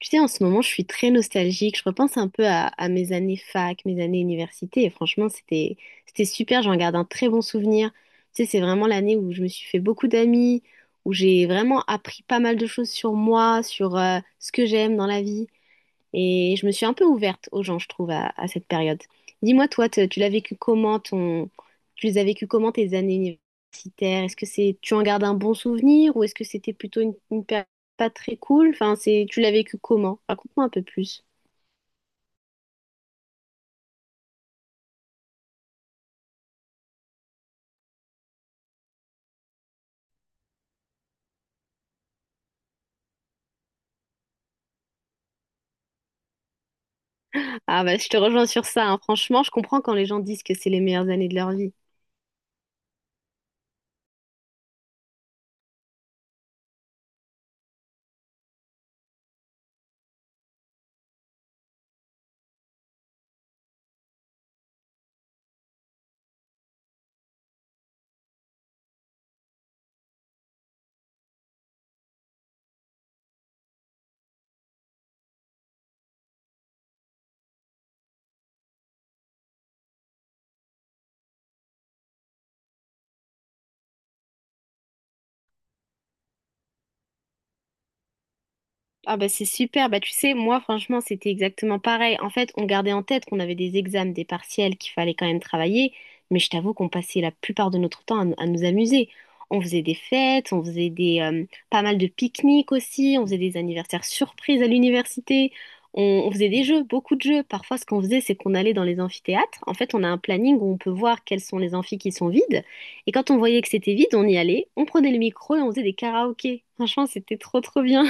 Tu sais, en ce moment, je suis très nostalgique. Je repense un peu à mes années fac, mes années université. Et franchement, c'était super. J'en garde un très bon souvenir. Tu sais, c'est vraiment l'année où je me suis fait beaucoup d'amis, où j'ai vraiment appris pas mal de choses sur moi, sur ce que j'aime dans la vie. Et je me suis un peu ouverte aux gens, je trouve, à cette période. Dis-moi, toi, tu l'as vécu comment ton... tu les as vécu comment tes années universitaires? Est-ce que c'est tu en gardes un bon souvenir ou est-ce que c'était plutôt une période pas très cool? Enfin, c'est tu l'as vécu comment? Raconte-moi un peu plus. Ah bah je te rejoins sur ça, hein. Franchement, je comprends quand les gens disent que c'est les meilleures années de leur vie. Ah bah c'est super, bah tu sais, moi franchement c'était exactement pareil. En fait, on gardait en tête qu'on avait des examens, des partiels, qu'il fallait quand même travailler, mais je t'avoue qu'on passait la plupart de notre temps à nous amuser. On faisait des fêtes, on faisait des pas mal de pique-niques aussi, on faisait des anniversaires surprises à l'université, on faisait des jeux, beaucoup de jeux. Parfois ce qu'on faisait c'est qu'on allait dans les amphithéâtres. En fait, on a un planning où on peut voir quels sont les amphis qui sont vides. Et quand on voyait que c'était vide, on y allait, on prenait le micro et on faisait des karaokés. Franchement, c'était trop trop bien.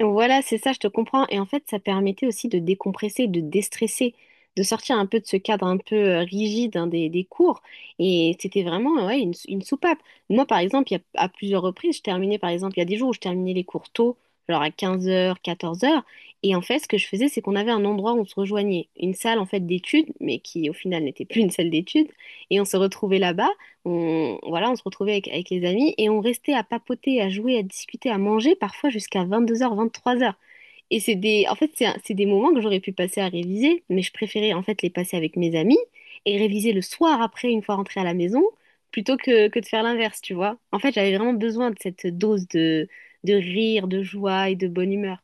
Voilà, c'est ça, je te comprends. Et en fait, ça permettait aussi de décompresser, de déstresser, de sortir un peu de ce cadre un peu rigide hein, des cours. Et c'était vraiment ouais, une, une soupape. Moi, par exemple, il y a, à plusieurs reprises, je terminais, par exemple, il y a des jours où je terminais les cours tôt, genre à 15 heures 14 heures. Et en fait, ce que je faisais, c'est qu'on avait un endroit où on se rejoignait, une salle en fait d'études, mais qui au final n'était plus une salle d'études. Et on se retrouvait là-bas. On se retrouvait avec les amis et on restait à papoter, à jouer, à discuter, à manger, parfois jusqu'à 22 heures 23 heures. Et c'est des, en fait, c'est des moments que j'aurais pu passer à réviser, mais je préférais en fait les passer avec mes amis et réviser le soir après, une fois rentrée à la maison, plutôt que de faire l'inverse, tu vois. En fait, j'avais vraiment besoin de cette dose de rire, de joie et de bonne humeur.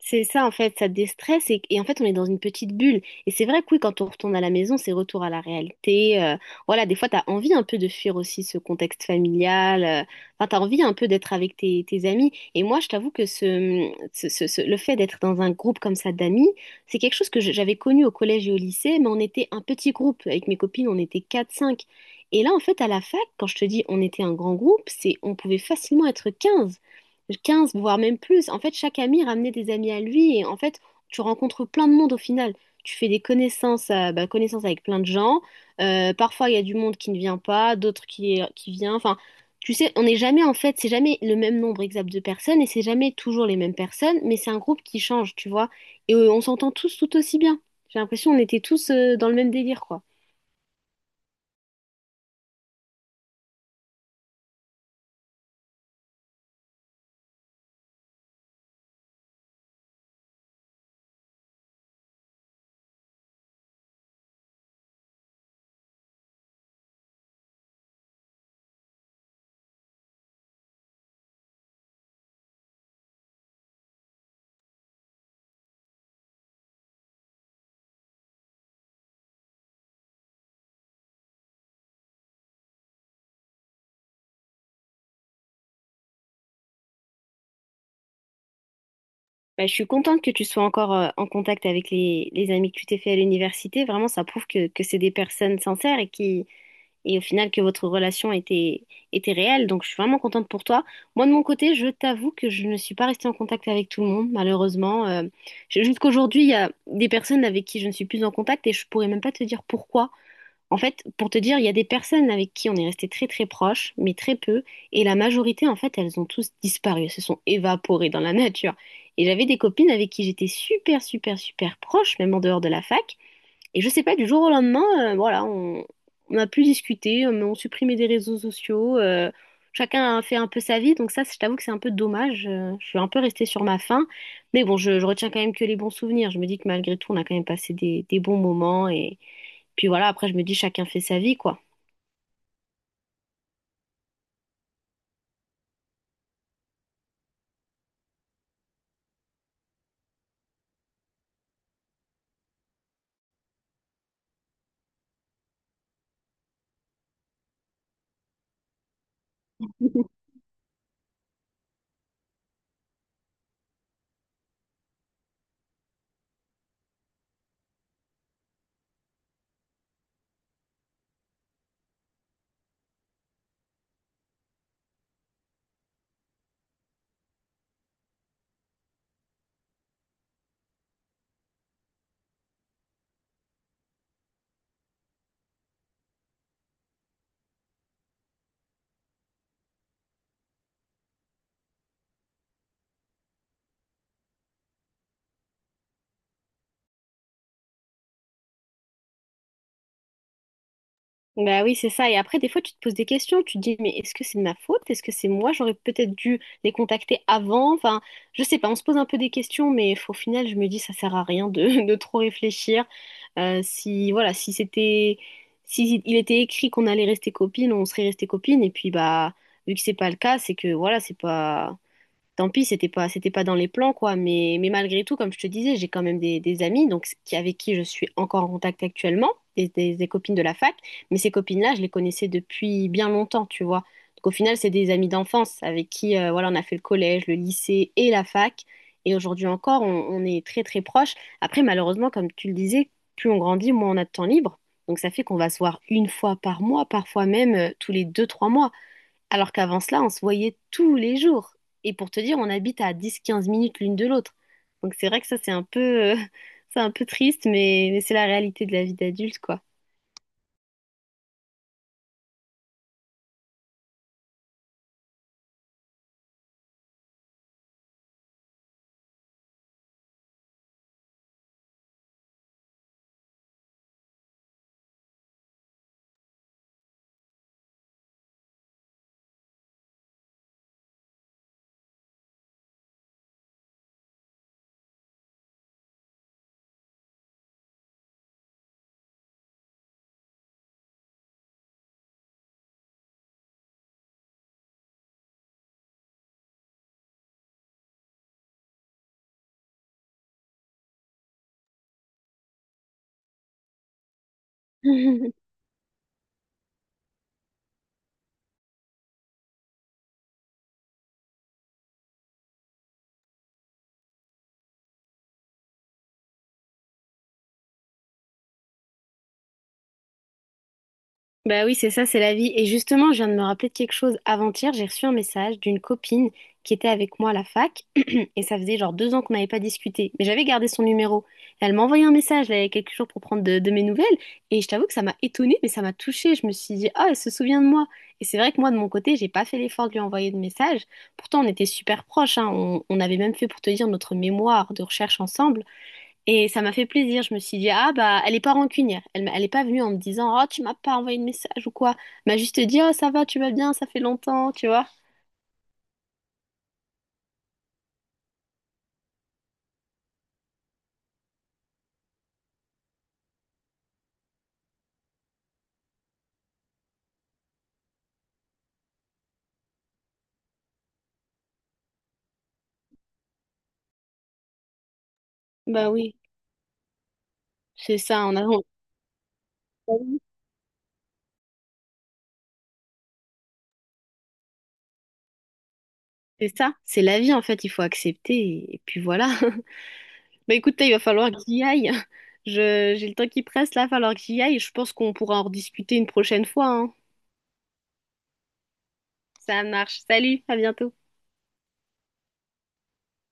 C'est ça, en fait, ça déstresse et en fait, on est dans une petite bulle. Et c'est vrai que oui, quand on retourne à la maison, c'est retour à la réalité. Voilà, des fois, t'as envie un peu de fuir aussi ce contexte familial. Enfin, t'as envie un peu d'être avec tes amis. Et moi, je t'avoue que le fait d'être dans un groupe comme ça d'amis, c'est quelque chose que j'avais connu au collège et au lycée, mais on était un petit groupe. Avec mes copines, on était quatre cinq. Et là, en fait, à la fac, quand je te dis on était un grand groupe, c'est on pouvait facilement être 15, 15 voire même plus. En fait, chaque ami ramenait des amis à lui et en fait, tu rencontres plein de monde au final. Tu fais des connaissances, bah, connaissances avec plein de gens. Parfois, il y a du monde qui ne vient pas, d'autres qui vient. Enfin, tu sais, on n'est jamais en fait, c'est jamais le même nombre exact de personnes et c'est jamais toujours les mêmes personnes, mais c'est un groupe qui change, tu vois. Et on s'entend tous tout aussi bien. J'ai l'impression on était tous dans le même délire, quoi. Bah, je suis contente que tu sois encore en contact avec les amis que tu t'es fait à l'université. Vraiment, ça prouve que c'est des personnes sincères et qui, et au final que votre relation était réelle. Donc, je suis vraiment contente pour toi. Moi, de mon côté, je t'avoue que je ne suis pas restée en contact avec tout le monde, malheureusement. Jusqu'aujourd'hui, il y a des personnes avec qui je ne suis plus en contact et je pourrais même pas te dire pourquoi. En fait, pour te dire, il y a des personnes avec qui on est resté très très proches, mais très peu, et la majorité, en fait, elles ont tous disparu, elles se sont évaporées dans la nature. Et j'avais des copines avec qui j'étais super super super proche, même en dehors de la fac, et je sais pas, du jour au lendemain, voilà, on n'a plus discuté, mais on supprimait des réseaux sociaux, chacun a fait un peu sa vie, donc ça, je t'avoue que c'est un peu dommage, je suis un peu restée sur ma faim, mais bon, je retiens quand même que les bons souvenirs, je me dis que malgré tout, on a quand même passé des bons moments, et puis voilà, après, je me dis, chacun fait sa vie, quoi. Bah oui, c'est ça. Et après, des fois, tu te poses des questions. Tu te dis, mais est-ce que c'est de ma faute? Est-ce que c'est moi? J'aurais peut-être dû les contacter avant. Enfin, je sais pas. On se pose un peu des questions, mais au final, je me dis, ça sert à rien de, de trop réfléchir. Si, voilà, si il était écrit qu'on allait rester copines, on serait resté copines. Et puis, bah, vu que c'est pas le cas, c'est que, voilà, c'est pas, tant pis, c'était pas dans les plans, quoi. Mais malgré tout, comme je te disais, j'ai quand même des amis, donc qui, avec qui je suis encore en contact actuellement, des copines de la fac. Mais ces copines-là, je les connaissais depuis bien longtemps, tu vois. Donc au final, c'est des amis d'enfance avec qui, voilà, on a fait le collège, le lycée et la fac. Et aujourd'hui encore, on est très très proches. Après, malheureusement, comme tu le disais, plus on grandit, moins on a de temps libre. Donc ça fait qu'on va se voir une fois par mois, parfois même tous les deux, trois mois. Alors qu'avant cela, on se voyait tous les jours. Et pour te dire, on habite à 10, 15 minutes l'une de l'autre. Donc c'est vrai que ça, c'est un peu, euh, c'est un peu triste, mais c'est la réalité de la vie d'adulte, quoi. Bah oui, c'est ça, c'est la vie. Et justement, je viens de me rappeler de quelque chose. Avant-hier, j'ai reçu un message d'une copine qui était avec moi à la fac. Et ça faisait genre 2 ans qu'on n'avait pas discuté. Mais j'avais gardé son numéro. Et elle m'a envoyé un message, là, il y a quelques jours pour prendre de mes nouvelles. Et je t'avoue que ça m'a étonnée, mais ça m'a touchée. Je me suis dit, ah, elle se souvient de moi. Et c'est vrai que moi, de mon côté, j'ai pas fait l'effort de lui envoyer de message. Pourtant, on était super proches, hein. On avait même fait, pour te dire, notre mémoire de recherche ensemble. Et ça m'a fait plaisir. Je me suis dit, ah bah, elle est pas rancunière. Elle est pas venue en me disant, oh, tu m'as pas envoyé de message ou quoi. Elle m'a juste dit, oh, ça va, tu vas bien, ça fait longtemps, tu vois. Bah oui, c'est ça, on a... C'est ça, c'est la vie en fait, il faut accepter et puis voilà. Bah écoutez, il va falloir que j'y aille. J'ai le temps qui presse là, il va falloir que j'y aille. Je pense qu'on pourra en rediscuter une prochaine fois, hein. Ça marche. Salut, à bientôt.